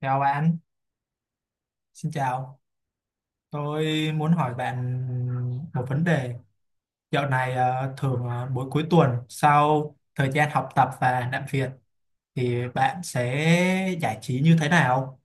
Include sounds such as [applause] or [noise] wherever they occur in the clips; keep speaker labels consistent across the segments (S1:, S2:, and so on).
S1: Chào bạn, xin chào. Tôi muốn hỏi bạn một vấn đề. Dạo này thường mỗi cuối tuần sau thời gian học tập và làm việc thì bạn sẽ giải trí như thế nào?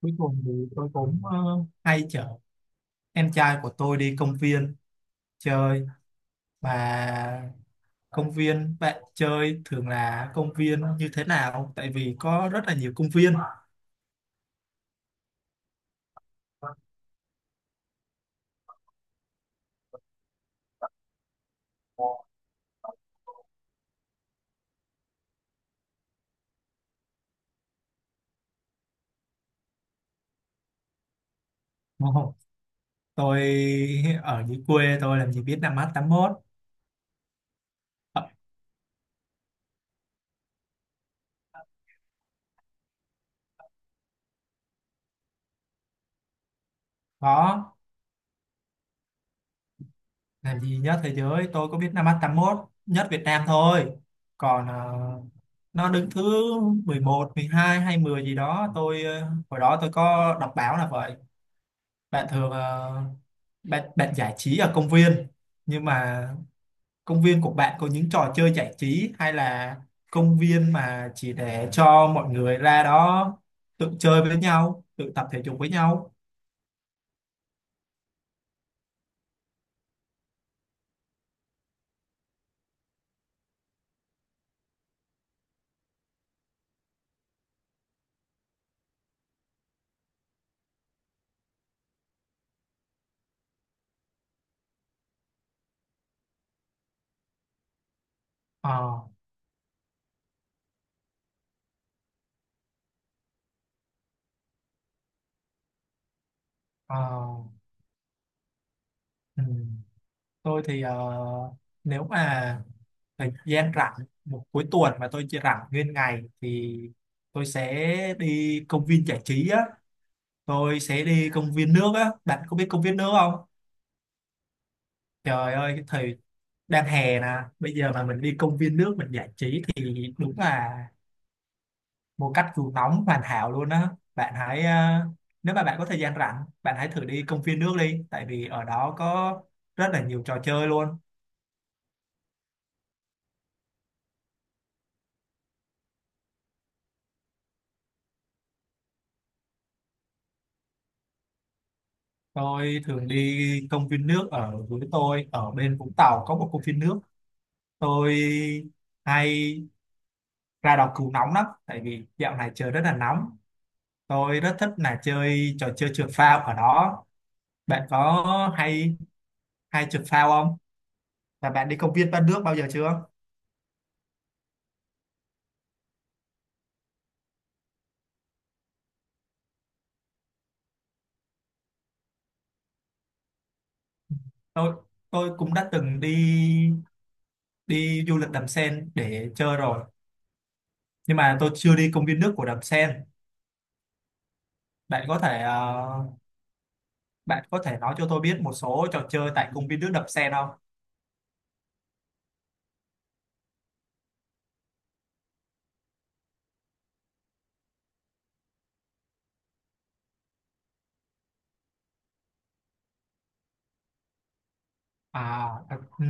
S1: Cuối tuần thì tôi cũng hay chở em trai của tôi đi công viên chơi mà công viên bạn chơi thường là công viên như thế nào? Tại vì có rất là nhiều công viên. [laughs] Ồ, tôi ở dưới quê tôi làm gì biết năm mát 81. Ờ, có làm gì nhất thế giới tôi có biết năm mắt 81 nhất Việt Nam thôi. Còn nó đứng thứ 11, 12 hay 10 gì đó tôi hồi đó tôi có đọc báo là vậy. Bạn thường bạn bạn giải trí ở công viên, nhưng mà công viên của bạn có những trò chơi giải trí hay là công viên mà chỉ để cho mọi người ra đó tự chơi với nhau, tự tập thể dục với nhau? Ờ. Ờ. Ừ. Tôi thì nếu mà thời gian rảnh một cuối tuần mà tôi chỉ rảnh nguyên ngày thì tôi sẽ đi công viên giải trí á. Tôi sẽ đi công viên nước á, bạn có biết công viên nước không? Trời ơi, cái thời đang hè nè, bây giờ mà mình đi công viên nước mình giải trí thì đúng là một cách cứu nóng hoàn hảo luôn á. Bạn hãy nếu mà bạn có thời gian rảnh bạn hãy thử đi công viên nước đi, tại vì ở đó có rất là nhiều trò chơi luôn. Tôi thường đi công viên nước ở, với tôi ở bên Vũng Tàu có một công viên nước tôi hay ra đọc cứu nóng lắm tại vì dạo này trời rất là nóng. Tôi rất thích là chơi trò chơi trượt phao ở đó. Bạn có hay hay trượt phao không, và bạn đi công viên ba nước bao giờ chưa? Tôi tôi cũng đã từng đi đi du lịch Đầm Sen để chơi rồi, nhưng mà tôi chưa đi công viên nước của Đầm Sen. bạn có thể ờ, Bạn có thể nói cho tôi biết một số trò chơi tại công viên nước Đầm Sen không? À. Ừ.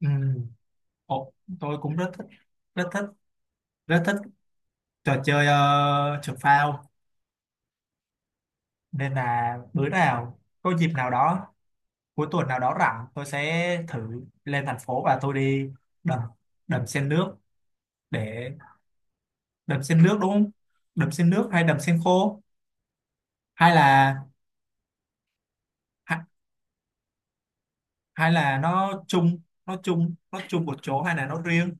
S1: Ừ. Ồ, tôi cũng rất thích rất thích rất thích trò chơi trượt phao, nên là bữa nào có dịp nào đó cuối tuần nào đó rảnh tôi sẽ thử lên thành phố và tôi đi đầm đầm sen nước để đầm sen nước đúng không? Đầm sen nước hay đầm sen khô, hay là hay, hay là nó chung một chỗ hay là nó riêng?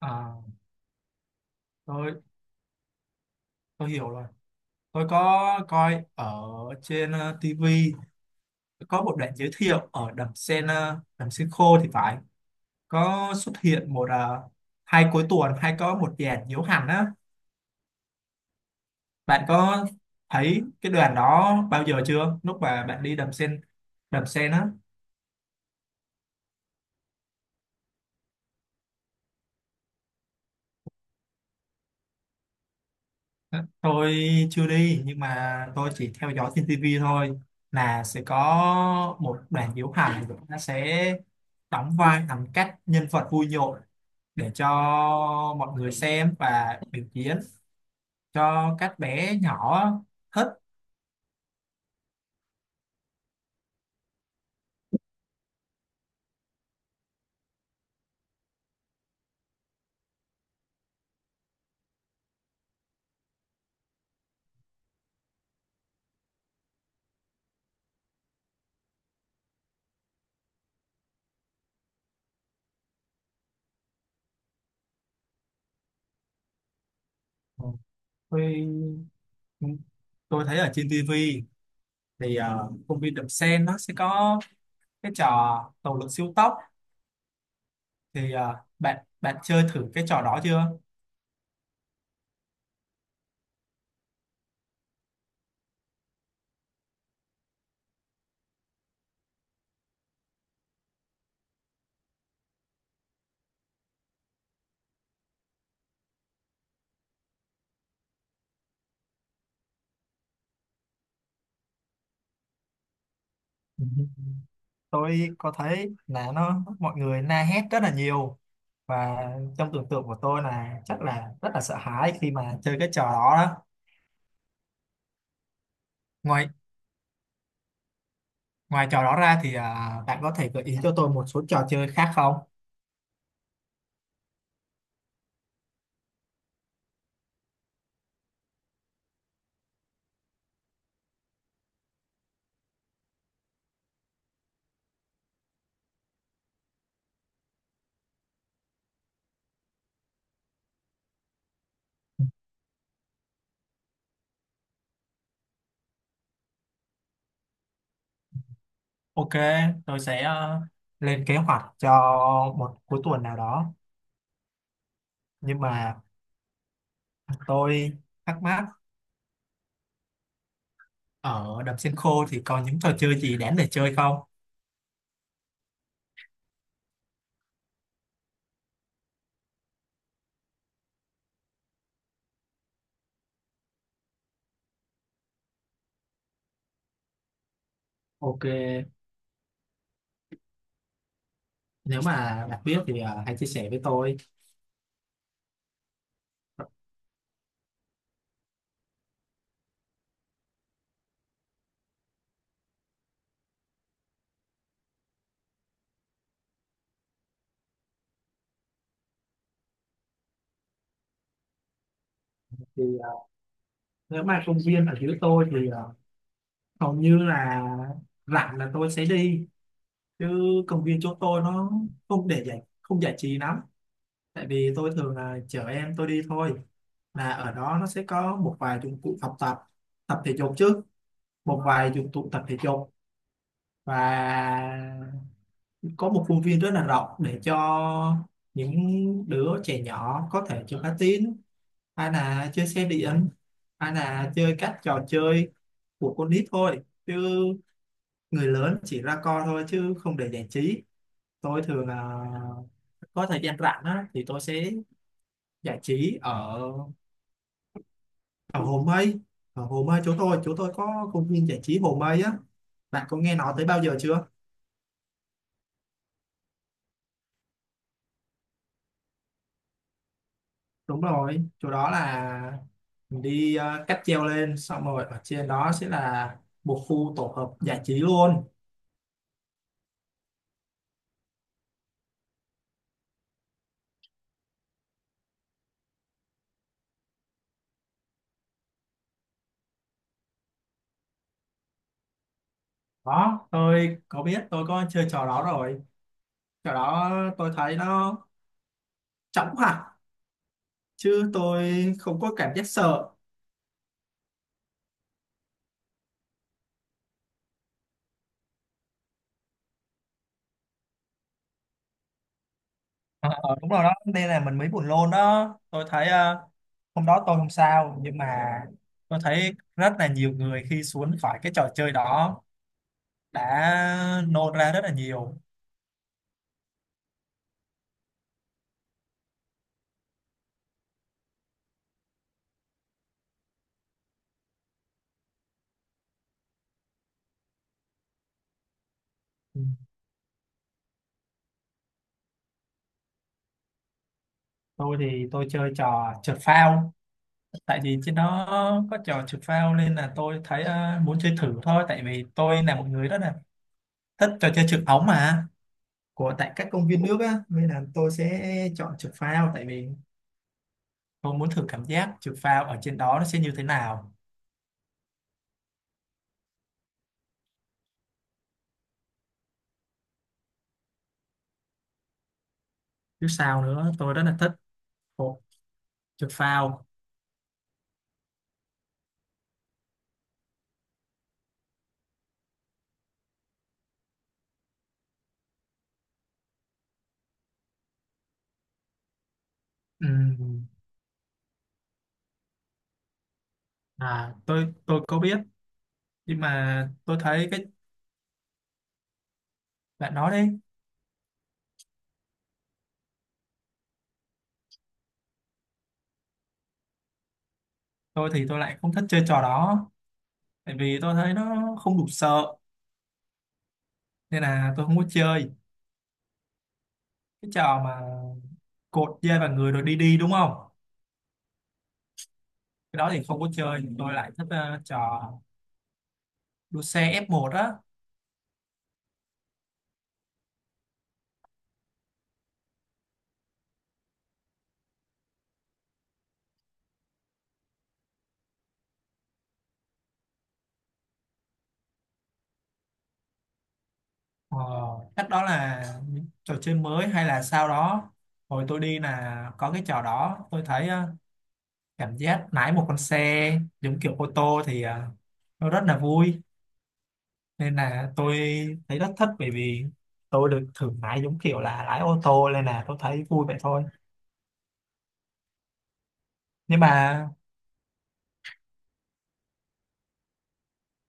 S1: À, tôi tôi hiểu rồi. Tôi có coi ở trên TV có một đoạn giới thiệu ở đầm sen đầm sen khô thì phải có xuất hiện một hai cuối tuần hay có một dàn diễu hành á. Bạn có thấy cái đoàn đó bao giờ chưa lúc mà bạn đi đầm sen á? Tôi chưa đi nhưng mà tôi chỉ theo dõi trên tivi thôi, là sẽ có một đoàn diễu hành nó sẽ đóng vai làm các nhân vật vui nhộn để cho mọi người xem và biểu diễn cho các bé nhỏ thích. Tôi tôi thấy ở trên tivi thì công viên Đầm Sen nó sẽ có cái trò tàu lượn siêu tốc, thì bạn bạn chơi thử cái trò đó chưa? [laughs] Ừ. Tôi có thấy là nó mọi người la hét rất là nhiều, và trong tưởng tượng của tôi là chắc là rất là sợ hãi khi mà chơi cái trò đó đó. Ngoài ngoài trò đó ra thì bạn có thể gợi ý cho tôi một số trò chơi khác không? [laughs] Ok, tôi sẽ lên kế hoạch cho một cuối tuần nào đó. Nhưng mà tôi thắc mắc ở đầm sen khô thì còn những trò chơi gì đáng để chơi không? Ok, nếu mà bạn biết thì hãy chia sẻ với tôi. Thì nếu mà công viên ở dưới tôi thì hầu như là rảnh là tôi sẽ đi. Chứ công viên chỗ tôi nó không để giải không giải trí lắm. Tại vì tôi thường là chở em tôi đi thôi. Là ở đó nó sẽ có một vài dụng cụ học tập, tập thể dục chứ, một vài dụng cụ tập thể dục, và có một khuôn viên rất là rộng để cho những đứa trẻ nhỏ có thể chơi cá tín hay là chơi xe điện hay là chơi các trò chơi của con nít thôi, chứ người lớn chỉ ra coi thôi chứ không để giải trí. Tôi thường là có thời gian rảnh á, thì tôi sẽ giải trí ở ở Hồ Mây. Ở Hồ Mây chỗ tôi có công viên giải trí Hồ Mây á, bạn có nghe nói tới bao giờ chưa? Đúng rồi, chỗ đó là mình đi cáp treo lên xong rồi ở trên đó sẽ là một khu tổ hợp giải trí luôn. Đó tôi có biết, tôi có chơi trò đó rồi. Trò đó tôi thấy nó chóng hẳn, chứ tôi không có cảm giác sợ. Ờ, đúng rồi đó nên là mình mới buồn lôn đó. Tôi thấy hôm đó tôi không sao, nhưng mà tôi thấy rất là nhiều người khi xuống khỏi cái trò chơi đó đã nôn ra rất là nhiều. Ừ. Tôi thì tôi chơi trò trượt phao, tại vì trên đó có trò trượt phao nên là tôi thấy muốn chơi thử thôi, tại vì tôi là một người rất là thích trò chơi trượt ống mà của tại các công viên nước á, nên là tôi sẽ chọn trượt phao tại vì tôi muốn thử cảm giác trượt phao ở trên đó nó sẽ như thế nào. Chứ sao nữa, tôi rất là thích bộ trượt phao. Ừm, à tôi có biết nhưng mà tôi thấy cái bạn nói đấy. Tôi thì tôi lại không thích chơi trò đó, tại vì tôi thấy nó không đủ sợ nên là tôi không có chơi cái trò mà cột dây vào người rồi đi đi đúng không? Cái đó thì không có chơi, tôi lại thích trò đua xe F1 á. ờ, Cách đó là những trò chơi mới hay là sau đó, hồi tôi đi là có cái trò đó tôi thấy cảm giác lái một con xe giống kiểu ô tô thì nó rất là vui, nên là tôi thấy rất thích bởi vì tôi được thử lái giống kiểu là lái ô tô nên là tôi thấy vui vậy thôi. nhưng mà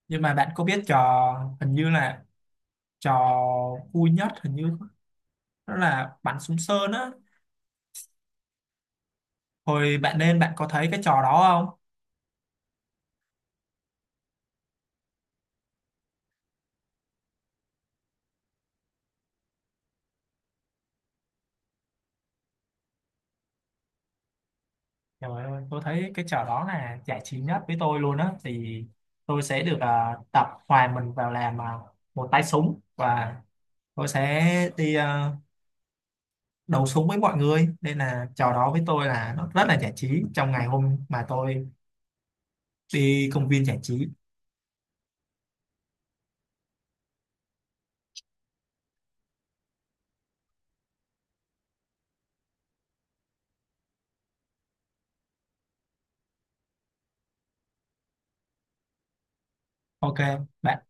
S1: nhưng mà bạn có biết trò hình như là trò vui nhất hình như đó là bắn súng sơn á, hồi bạn lên bạn có thấy cái trò đó không? Trời ơi, tôi thấy cái trò đó là giải trí nhất với tôi luôn á, thì tôi sẽ được tập hòa mình vào làm một tay súng và tôi sẽ đi đấu súng với mọi người, nên là trò đó với tôi là nó rất là giải trí trong ngày hôm mà tôi đi công viên giải trí. Ok bạn.